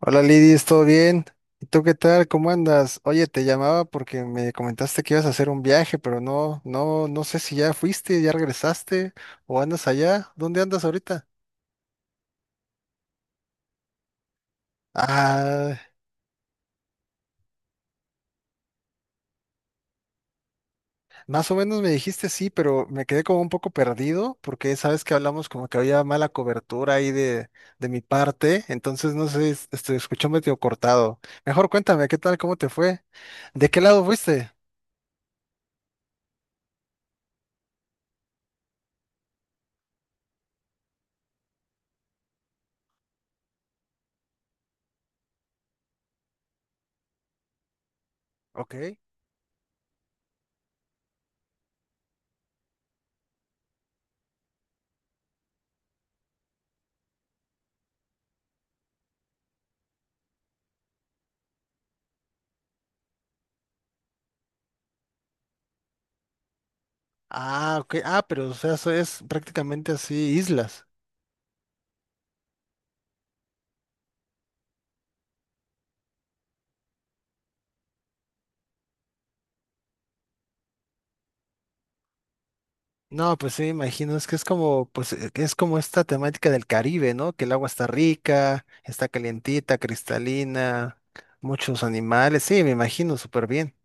Hola Lidis, ¿todo bien? ¿Y tú qué tal? ¿Cómo andas? Oye, te llamaba porque me comentaste que ibas a hacer un viaje, pero no sé si ya fuiste, ya regresaste o andas allá. ¿Dónde andas ahorita? Ah, más o menos me dijiste sí, pero me quedé como un poco perdido porque sabes que hablamos como que había mala cobertura ahí de mi parte, entonces no sé, este, escuchó medio cortado. Mejor cuéntame, ¿qué tal? ¿Cómo te fue? ¿De qué lado fuiste? Ok. Ah, ok. Ah, pero o sea, eso es prácticamente así, islas. No, pues sí, me imagino, es que es como, pues, es como esta temática del Caribe, ¿no? Que el agua está rica, está calientita, cristalina, muchos animales. Sí, me imagino, súper bien.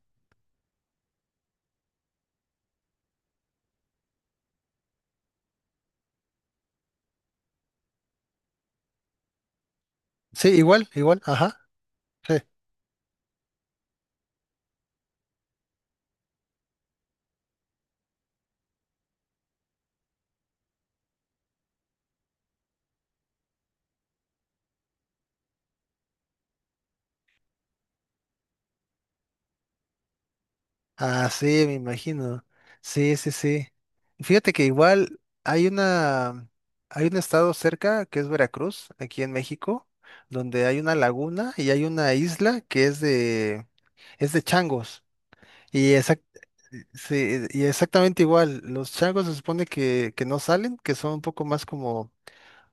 Sí, igual, igual, ajá. Sí. Ah, sí, me imagino. Sí, sí, sí. Fíjate que igual hay un estado cerca que es Veracruz, aquí en México, donde hay una laguna y hay una isla que es es de changos. Y exact- sí, y exactamente igual, los changos se supone que no salen, que son un poco más como,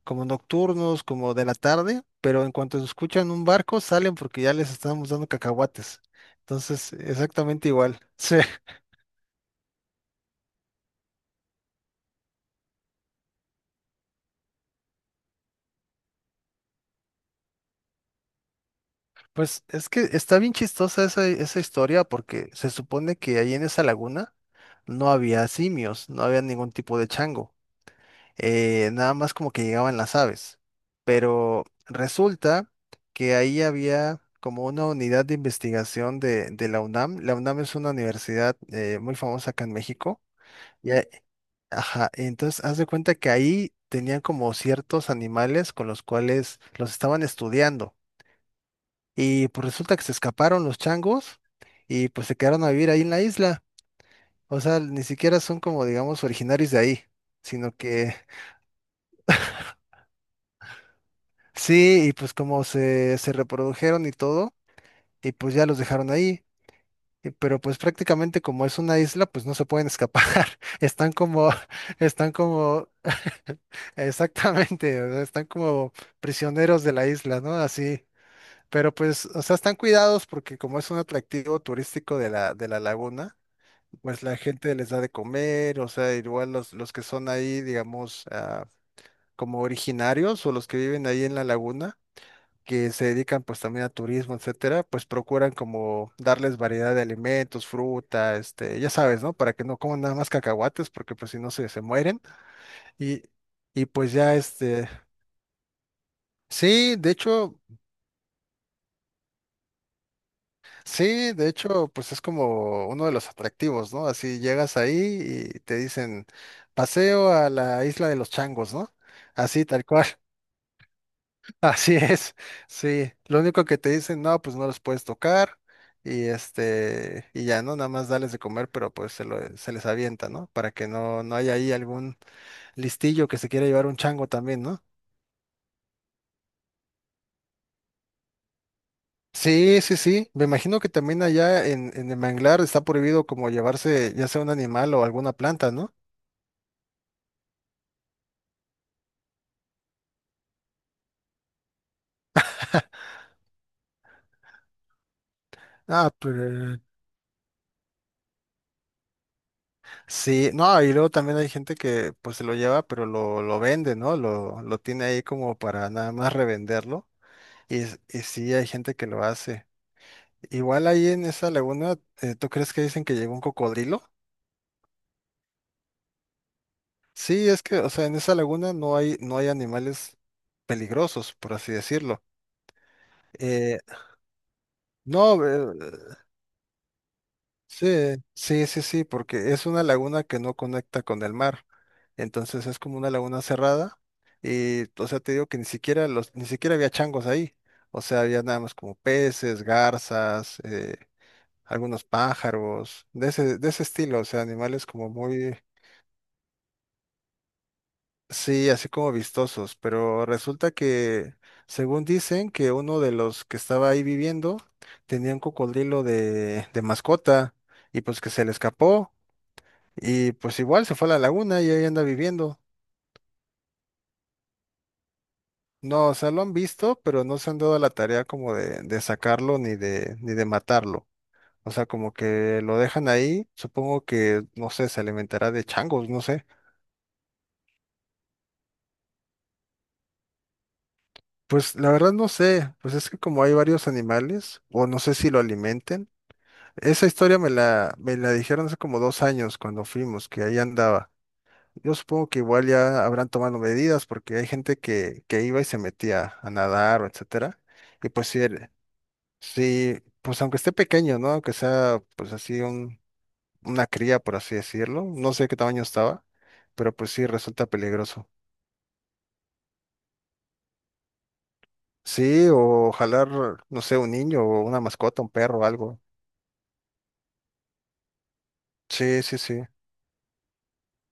como nocturnos, como de la tarde, pero en cuanto escuchan un barco salen porque ya les estamos dando cacahuates. Entonces, exactamente igual. Sí. Pues es que está bien chistosa esa historia porque se supone que ahí en esa laguna no había simios, no había ningún tipo de chango, nada más como que llegaban las aves. Pero resulta que ahí había como una unidad de investigación de la UNAM. La UNAM es una universidad muy famosa acá en México. Y, a- ajá, entonces haz de cuenta que ahí tenían como ciertos animales con los cuales los estaban estudiando. Y pues resulta que se escaparon los changos y pues se quedaron a vivir ahí en la isla. O sea, ni siquiera son como, digamos, originarios de ahí, sino que sí, y pues como se reprodujeron y todo, y pues ya los dejaron ahí. Y. Pero pues prácticamente como es una isla, pues no se pueden escapar. Están como, están como, exactamente, o sea, están como prisioneros de la isla, ¿no? Así. Pero pues, o sea, están cuidados porque como es un atractivo turístico de de la laguna. Pues la gente les da de comer, o sea, igual los que son ahí, digamos, ah, como originarios o los que viven ahí en la laguna, que se dedican pues también a turismo, etcétera, pues procuran como darles variedad de alimentos, fruta, este, ya sabes, ¿no? Para que no coman nada más cacahuates, porque pues si no se mueren. Y, y pues ya, este, sí, de hecho. Sí, de hecho, pues es como uno de los atractivos, ¿no? Así llegas ahí y te dicen, paseo a la isla de los changos, ¿no? Así, tal cual. Así es. Sí. Lo único que te dicen, no, pues no los puedes tocar y este, y ya, ¿no? Nada más dales de comer, pero pues se les avienta, ¿no? Para que no, no haya ahí algún listillo que se quiera llevar un chango también, ¿no? Sí, sí, sí. Me imagino que también allá en el manglar está prohibido como llevarse ya sea un animal o alguna planta, ¿no? Ah, pero sí, no, y luego también hay gente que pues se lo lleva, pero lo vende, ¿no? Lo tiene ahí como para nada más revenderlo. Y sí, hay gente que lo hace. Igual ahí en esa laguna, ¿tú crees que dicen que llegó un cocodrilo? Sí, es que, o sea, en esa laguna no hay animales peligrosos, por así decirlo. Eh, no, eh, Sí, sí, sí, sí, porque es una laguna que no conecta con el mar. Entonces es como una laguna cerrada y, o sea, te digo que ni siquiera ni siquiera había changos ahí. O sea, había nada más como peces, garzas, algunos pájaros, de ese estilo, o sea, animales como muy, sí, así como vistosos. Pero resulta que, según dicen, que uno de los que estaba ahí viviendo tenía un cocodrilo de mascota y pues que se le escapó. Y pues igual se fue a la laguna y ahí anda viviendo. No, o sea, lo han visto, pero no se han dado a la tarea como de sacarlo ni ni de matarlo. O sea, como que lo dejan ahí, supongo que, no sé, se alimentará de changos, no sé. Pues la verdad no sé, pues es que como hay varios animales, o no sé si lo alimenten. Esa historia me la dijeron hace como dos años cuando fuimos, que ahí andaba. Yo supongo que igual ya habrán tomado medidas porque hay gente que iba y se metía a nadar o etcétera. Y pues sí, sí, pues aunque esté pequeño, ¿no? Aunque sea pues así un, una cría, por así decirlo. No sé qué tamaño estaba, pero pues sí resulta peligroso. Sí, o jalar, no sé, un niño o una mascota, un perro o algo. Sí, sí, sí.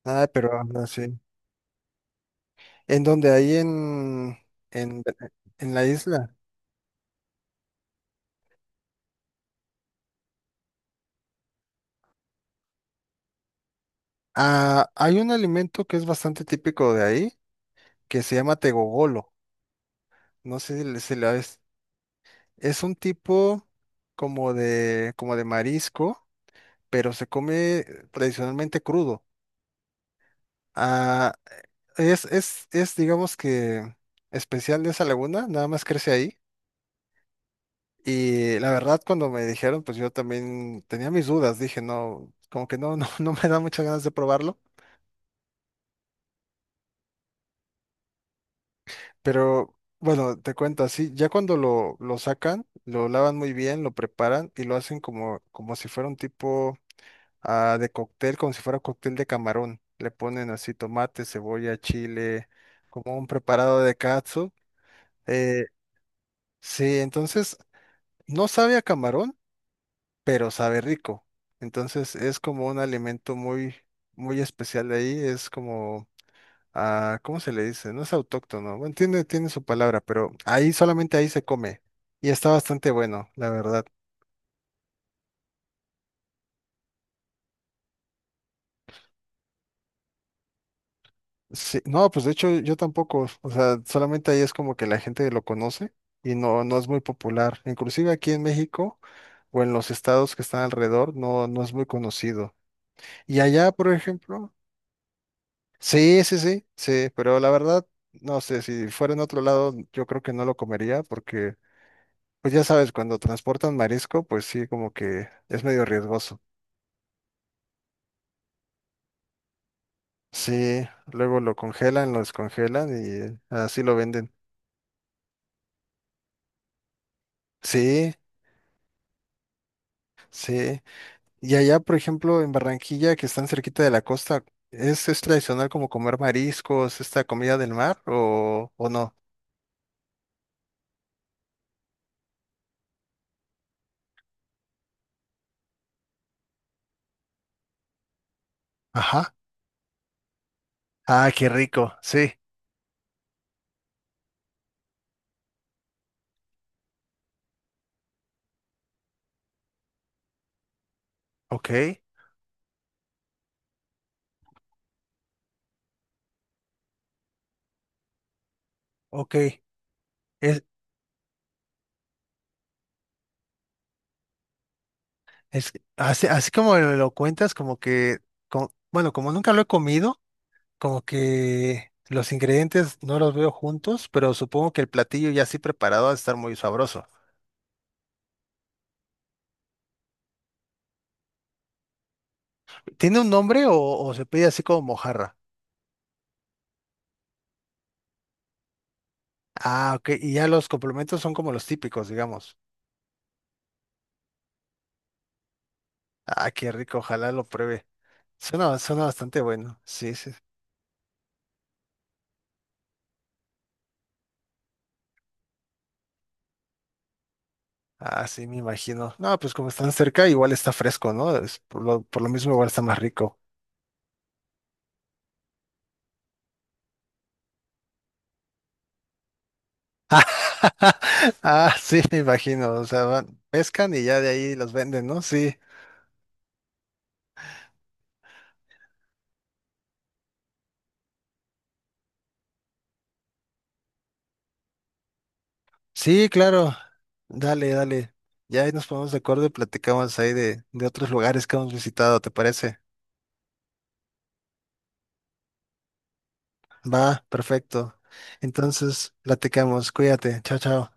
Ah, pero anda, sí. ¿En donde ahí en, en, en la isla? Ah, hay un alimento que es bastante típico de ahí, que se llama tegogolo. No sé si le, si la ves. Es un tipo como como de marisco pero se come tradicionalmente crudo. Ah, es, digamos que especial de esa laguna, nada más crece ahí. Y la verdad, cuando me dijeron, pues yo también tenía mis dudas, dije, no, como que no, no me da muchas ganas de probarlo. Pero bueno, te cuento así, ya cuando lo sacan, lo lavan muy bien, lo preparan y lo hacen como, como si fuera un tipo ah, de cóctel, como si fuera cóctel de camarón. Le ponen así tomate, cebolla, chile, como un preparado de katsu. Eh, sí, entonces no sabe a camarón, pero sabe rico. Entonces es como un alimento muy, muy especial de ahí. Es como, ah, ¿cómo se le dice? No es autóctono. Bueno, tiene su palabra, pero ahí solamente ahí se come. Y está bastante bueno, la verdad. Sí, no, pues de hecho yo tampoco, o sea, solamente ahí es como que la gente lo conoce y no, no es muy popular. Inclusive aquí en México o en los estados que están alrededor no, no es muy conocido. Y allá, por ejemplo, sí, sí, sí, sí, pero la verdad, no sé, si fuera en otro lado, yo creo que no lo comería porque, pues ya sabes, cuando transportan marisco, pues sí, como que es medio riesgoso. Sí, luego lo congelan, lo descongelan y así lo venden. Sí, sí. Y allá, por ejemplo, en Barranquilla, que están cerquita de la costa, ¿es tradicional como comer mariscos, esta comida del mar o no? Ajá. Ah, qué rico. Sí. Ok. Ok. Es, es así, así como me lo cuentas, como que, bueno, como nunca lo he comido, como que los ingredientes no los veo juntos, pero supongo que el platillo ya así preparado va a estar muy sabroso. ¿Tiene un nombre o se pide así como mojarra? Ah, ok. Y ya los complementos son como los típicos, digamos. Ah, qué rico, ojalá lo pruebe. Suena, suena bastante bueno, sí, sí. Ah, sí, me imagino. No, pues como están cerca, igual está fresco, ¿no? Es por por lo mismo igual está más rico. Ah, sí, me imagino. O sea, van pescan y ya de ahí los venden, ¿no? Sí, sí, claro. Dale, dale. Ya ahí nos ponemos de acuerdo y platicamos ahí de otros lugares que hemos visitado, ¿te parece? Va, perfecto. Entonces, platicamos. Cuídate. Chao, chao.